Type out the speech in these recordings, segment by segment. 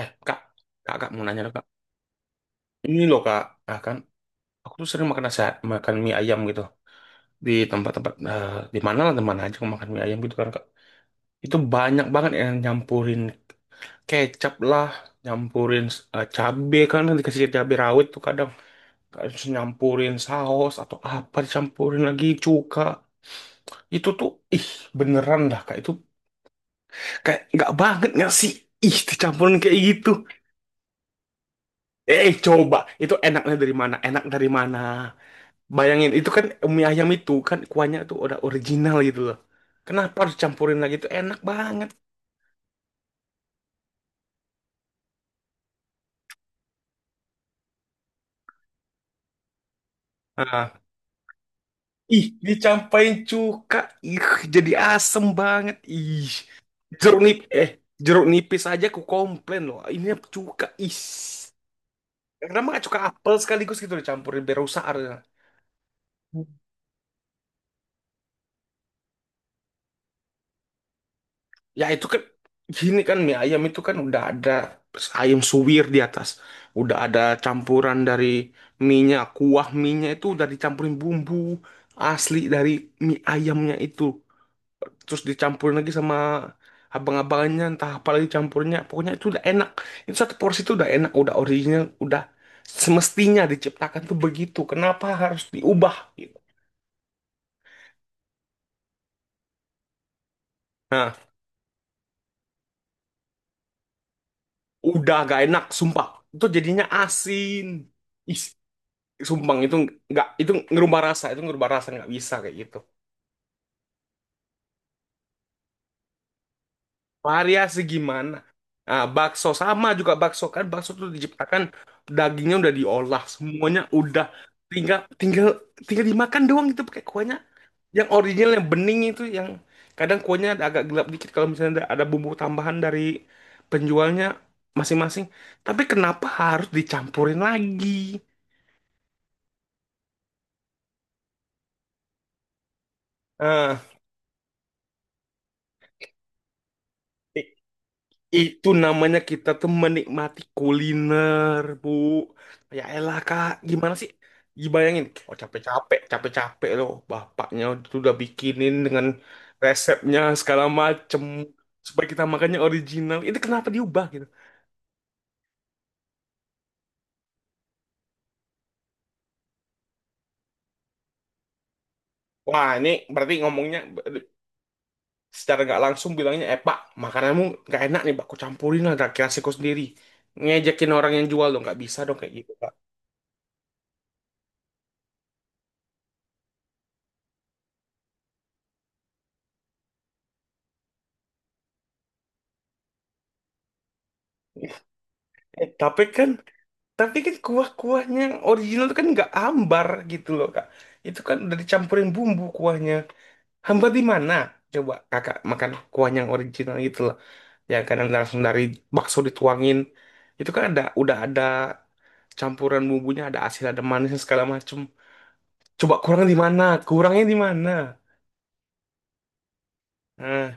Eh, kak mau nanya dong, kak. Ini loh kak, kan aku tuh sering makan nasi, makan mie ayam gitu di tempat-tempat di mana lah, di mana aja aku makan mie ayam gitu kan kak. Itu banyak banget yang nyampurin kecap lah, nyampurin cabe kan dikasih cabe rawit tuh kadang harus nyampurin saus atau apa dicampurin lagi cuka. Itu tuh, ih, beneran dah kak, itu kayak nggak banget nggak sih? Ih, dicampurin kayak gitu. Eh, coba. Itu enaknya dari mana? Enak dari mana? Bayangin, itu kan mie ayam itu kan kuahnya tuh udah original gitu loh. Kenapa harus campurin lagi? Itu enak banget. Ah. Ih, dicampain cuka, ih jadi asem banget. Ih. Jeruk nip eh jeruk nipis aja aku komplain loh. Ini cuka. Ih. Kenapa nggak cuka apel sekaligus gitu dicampurin biar rusak harusnya. Ya itu kan, gini kan mie ayam itu kan udah ada ayam suwir di atas. Udah ada campuran dari mie-nya, kuah mie-nya itu udah dicampurin bumbu asli dari mie ayamnya itu. Terus dicampurin lagi sama abang-abangannya entah apa lagi campurnya. Pokoknya itu udah enak. Itu satu porsi itu udah enak, udah original, udah semestinya diciptakan tuh begitu. Kenapa harus diubah gitu? Nah, udah gak enak, sumpah. Itu jadinya asin. Ih, sumbang itu, nggak, itu ngerubah rasa, itu ngerubah rasa, nggak bisa kayak gitu. Variasi gimana? Bakso sama juga, bakso kan bakso tuh diciptakan dagingnya udah diolah semuanya, udah tinggal tinggal tinggal dimakan doang gitu pakai kuahnya yang original, yang bening itu, yang kadang kuahnya ada agak gelap dikit kalau misalnya ada bumbu tambahan dari penjualnya masing-masing, tapi kenapa harus dicampurin lagi? ah Itu namanya kita tuh menikmati kuliner, Bu. Ya elah, Kak. Gimana sih? Dibayangin, oh capek-capek loh. Bapaknya itu udah bikinin dengan resepnya segala macem. Supaya kita makannya original. Itu kenapa diubah gitu? Wah, ini berarti ngomongnya secara nggak langsung bilangnya, eh Pak, makananmu nggak enak nih, Pak. Aku campurin lah, gak kira sendiri. Ngejekin orang yang jual dong, nggak bisa dong kayak gitu, Pak. Eh, tapi kan Tapi kan kuah-kuahnya yang original itu kan nggak ambar gitu loh kak. Itu kan udah dicampurin bumbu kuahnya. Hambar di mana? Coba kakak makan kuah yang original gitu loh. Ya kan yang langsung dari bakso dituangin. Itu kan udah ada campuran bumbunya, ada asin, ada manisnya segala macem. Coba kurang di mana? Kurangnya di mana? Nah,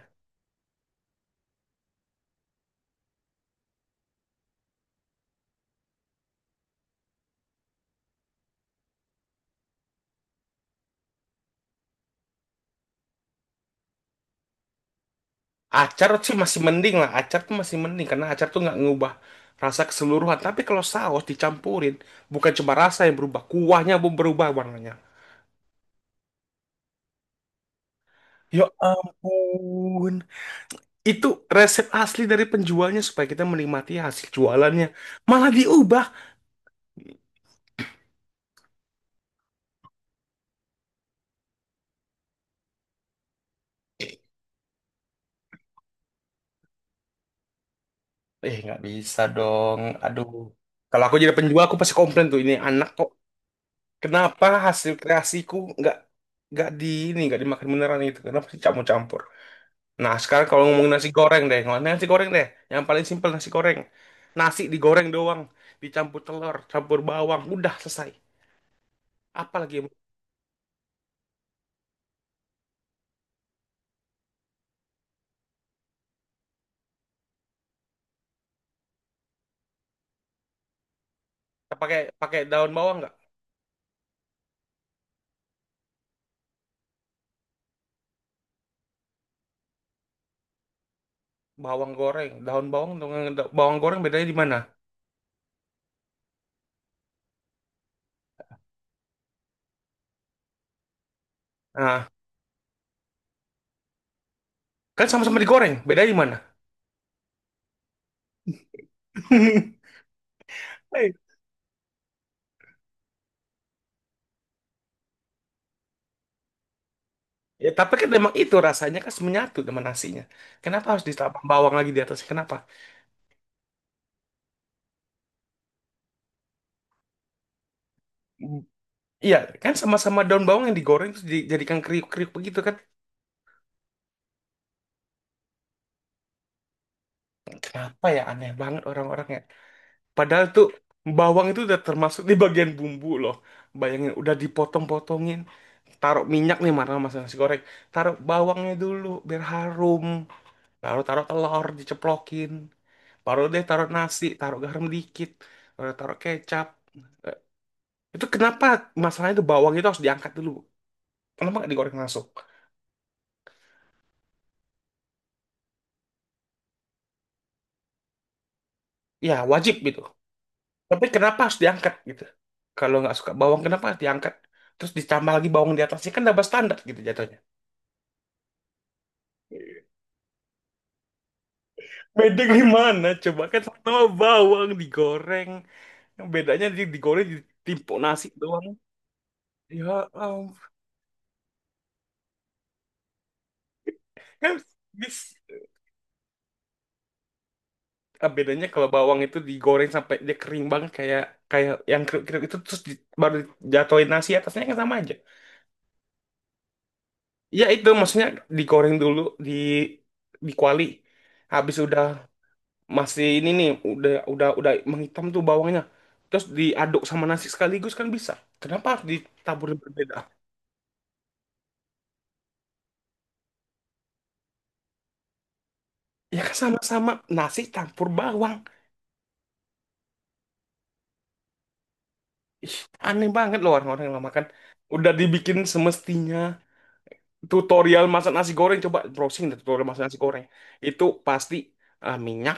acar sih masih mending lah. Acar tuh masih mending karena acar tuh nggak ngubah rasa keseluruhan. Tapi kalau saus dicampurin, bukan cuma rasa yang berubah, kuahnya pun berubah warnanya. Ya ampun. Itu resep asli dari penjualnya supaya kita menikmati hasil jualannya. Malah diubah. Eh, nggak bisa dong. Aduh. Kalau aku jadi penjual, aku pasti komplain tuh. Ini anak kok. Kenapa hasil kreasiku nggak nggak di ini nggak dimakan beneran itu? Kenapa sih campur-campur? Nah, sekarang kalau ngomongin nasi goreng deh, ngomongin nasi goreng deh. Yang paling simpel nasi goreng. Nasi digoreng doang, dicampur telur, campur bawang, udah selesai. Apalagi pakai pakai daun bawang nggak? Bawang goreng, daun bawang dengan bawang goreng bedanya di mana? Nah, kan sama-sama digoreng, bedanya di mana? Hei, ya, tapi kan memang itu rasanya kan menyatu dengan nasinya. Kenapa harus ditambah bawang lagi di atasnya? Kenapa? Mm, iya, kan sama-sama daun bawang yang digoreng terus dijadikan kriuk-kriuk begitu kan? Kenapa ya aneh banget orang-orang ya. Padahal tuh bawang itu udah termasuk di bagian bumbu loh. Bayangin, udah dipotong-potongin, taruh minyak nih marah masak nasi goreng, taruh bawangnya dulu biar harum. Baru taruh telur diceplokin, baru deh taruh nasi, taruh garam dikit, baru taruh kecap. Itu kenapa masalahnya itu bawang itu harus diangkat dulu? Kenapa nggak digoreng langsung? Ya wajib gitu, tapi kenapa harus diangkat gitu? Kalau nggak suka bawang, kenapa harus diangkat terus ditambah lagi bawang di atasnya? Kan double standar gitu jatuhnya. Beda gimana coba, kan sama bawang digoreng, yang bedanya di digoreng ditimpuk nasi doang. Ya, um, kan bis- ah, bedanya kalau bawang itu digoreng sampai dia kering banget kayak kayak yang kriuk-kriuk itu terus baru jatuhin nasi atasnya, kan sama aja. Ya itu maksudnya digoreng dulu di di kuali. Habis udah masih ini nih udah menghitam tuh bawangnya. Terus diaduk sama nasi sekaligus kan bisa. Kenapa harus ditabur berbeda? Ya kan sama-sama nasi campur bawang. Ih, aneh banget loh orang-orang yang makan. Udah dibikin semestinya, tutorial masak nasi goreng, coba browsing deh tutorial masak nasi goreng itu pasti minyak,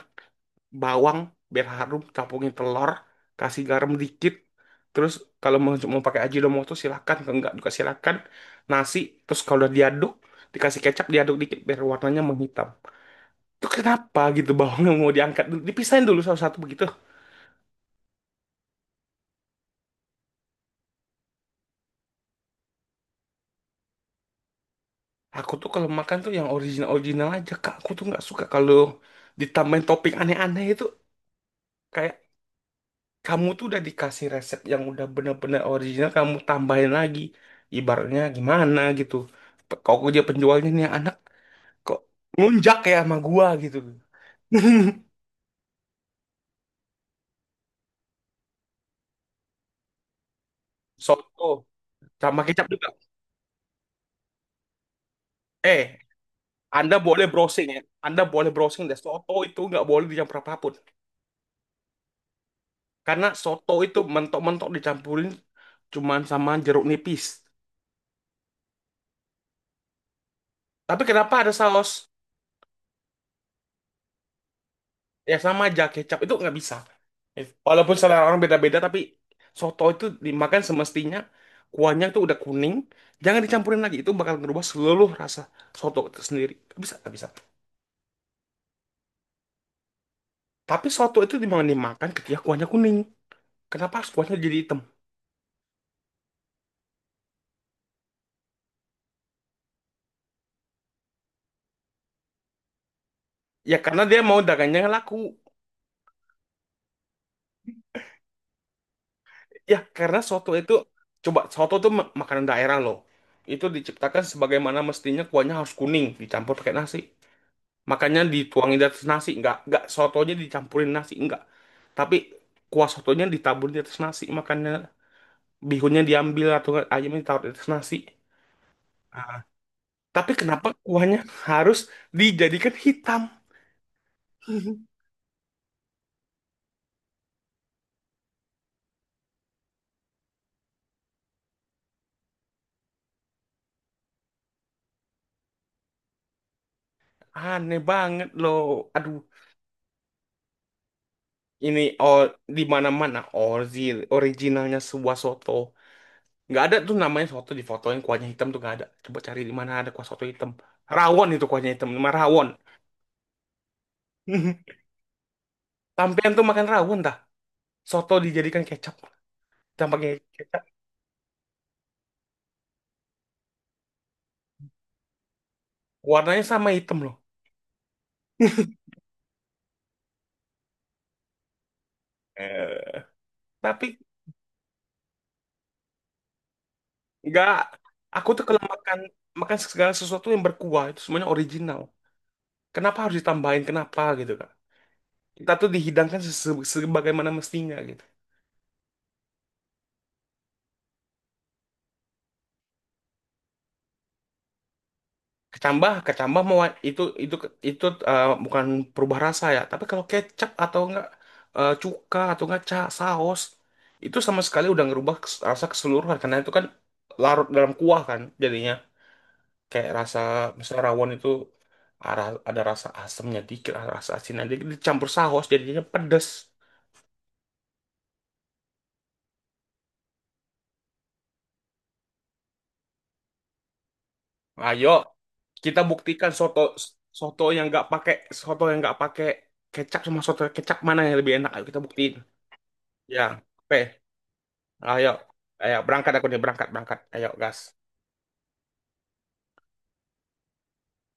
bawang biar harum, campurin telur, kasih garam dikit, terus kalau mau pakai Ajinomoto silakan, kalau enggak juga silakan, nasi, terus kalau udah diaduk dikasih kecap diaduk dikit biar warnanya menghitam. Itu kenapa gitu bawangnya mau diangkat dulu, dipisahin dulu satu-satu begitu? Aku tuh kalau makan tuh yang original original aja, kak. Aku tuh nggak suka kalau ditambahin topping aneh-aneh itu, kayak kamu tuh udah dikasih resep yang udah bener-bener original, kamu tambahin lagi, ibaratnya gimana gitu. Kok dia penjualnya, nih anak kok nunjak ya sama gua gitu. Soto sama kecap juga, eh Anda boleh browsing ya Anda boleh browsing deh, soto itu nggak boleh dicampur apapun karena soto itu mentok-mentok dicampurin cuman sama jeruk nipis, tapi kenapa ada saus? Ya sama aja, kecap itu nggak bisa. Walaupun selera orang beda-beda, tapi soto itu dimakan semestinya kuahnya itu udah kuning, jangan dicampurin lagi. Itu bakal ngerubah seluruh rasa soto itu sendiri. Gak bisa, gak bisa. Tapi soto itu dimana dimakan ketika kuahnya kuning. Kenapa harus kuahnya jadi hitam? Ya karena dia mau dagangnya laku. Ya karena soto itu, coba soto itu makanan daerah loh. Itu diciptakan sebagaimana mestinya kuahnya harus kuning, dicampur pakai nasi. Makanya dituangin di atas nasi, nggak sotonya dicampurin nasi, nggak. Tapi kuah sotonya ditabur di atas nasi, makanya bihunnya diambil atau nggak ayamnya ditaruh di atas nasi. Ah. Tapi kenapa kuahnya harus dijadikan hitam? Aneh banget loh. Aduh, ini oh di mana-mana originalnya sebuah soto. Nggak ada tuh namanya soto di foto yang kuahnya hitam tuh nggak ada. Coba cari di mana ada kuah soto hitam. Rawon itu kuahnya hitam, nama rawon. Sampean tuh makan rawon dah. Soto dijadikan kecap. Jangan kecap. Warnanya sama hitam loh. Eh, tapi nggak. Aku tuh kalau makan makan segala sesuatu yang berkuah itu semuanya original. Kenapa harus ditambahin? Kenapa gitu kak? Kita tuh dihidangkan sebagaimana mestinya gitu. Kecambah, mau itu itu itu bukan perubah rasa ya. Tapi kalau kecap atau enggak, cuka atau enggak saus itu sama sekali udah ngerubah rasa keseluruhan karena itu kan larut dalam kuah kan jadinya. Kayak rasa misalnya rawon itu ada rasa asamnya dikit, ada rasa asinnya dikit, dicampur saus jadinya pedes. Nah, ayo kita buktikan soto soto yang nggak pakai soto yang nggak pakai kecap sama soto kecap, mana yang lebih enak, ayo kita buktiin. Ya, oke, ayo, ayo berangkat, aku nih berangkat, berangkat, ayo gas.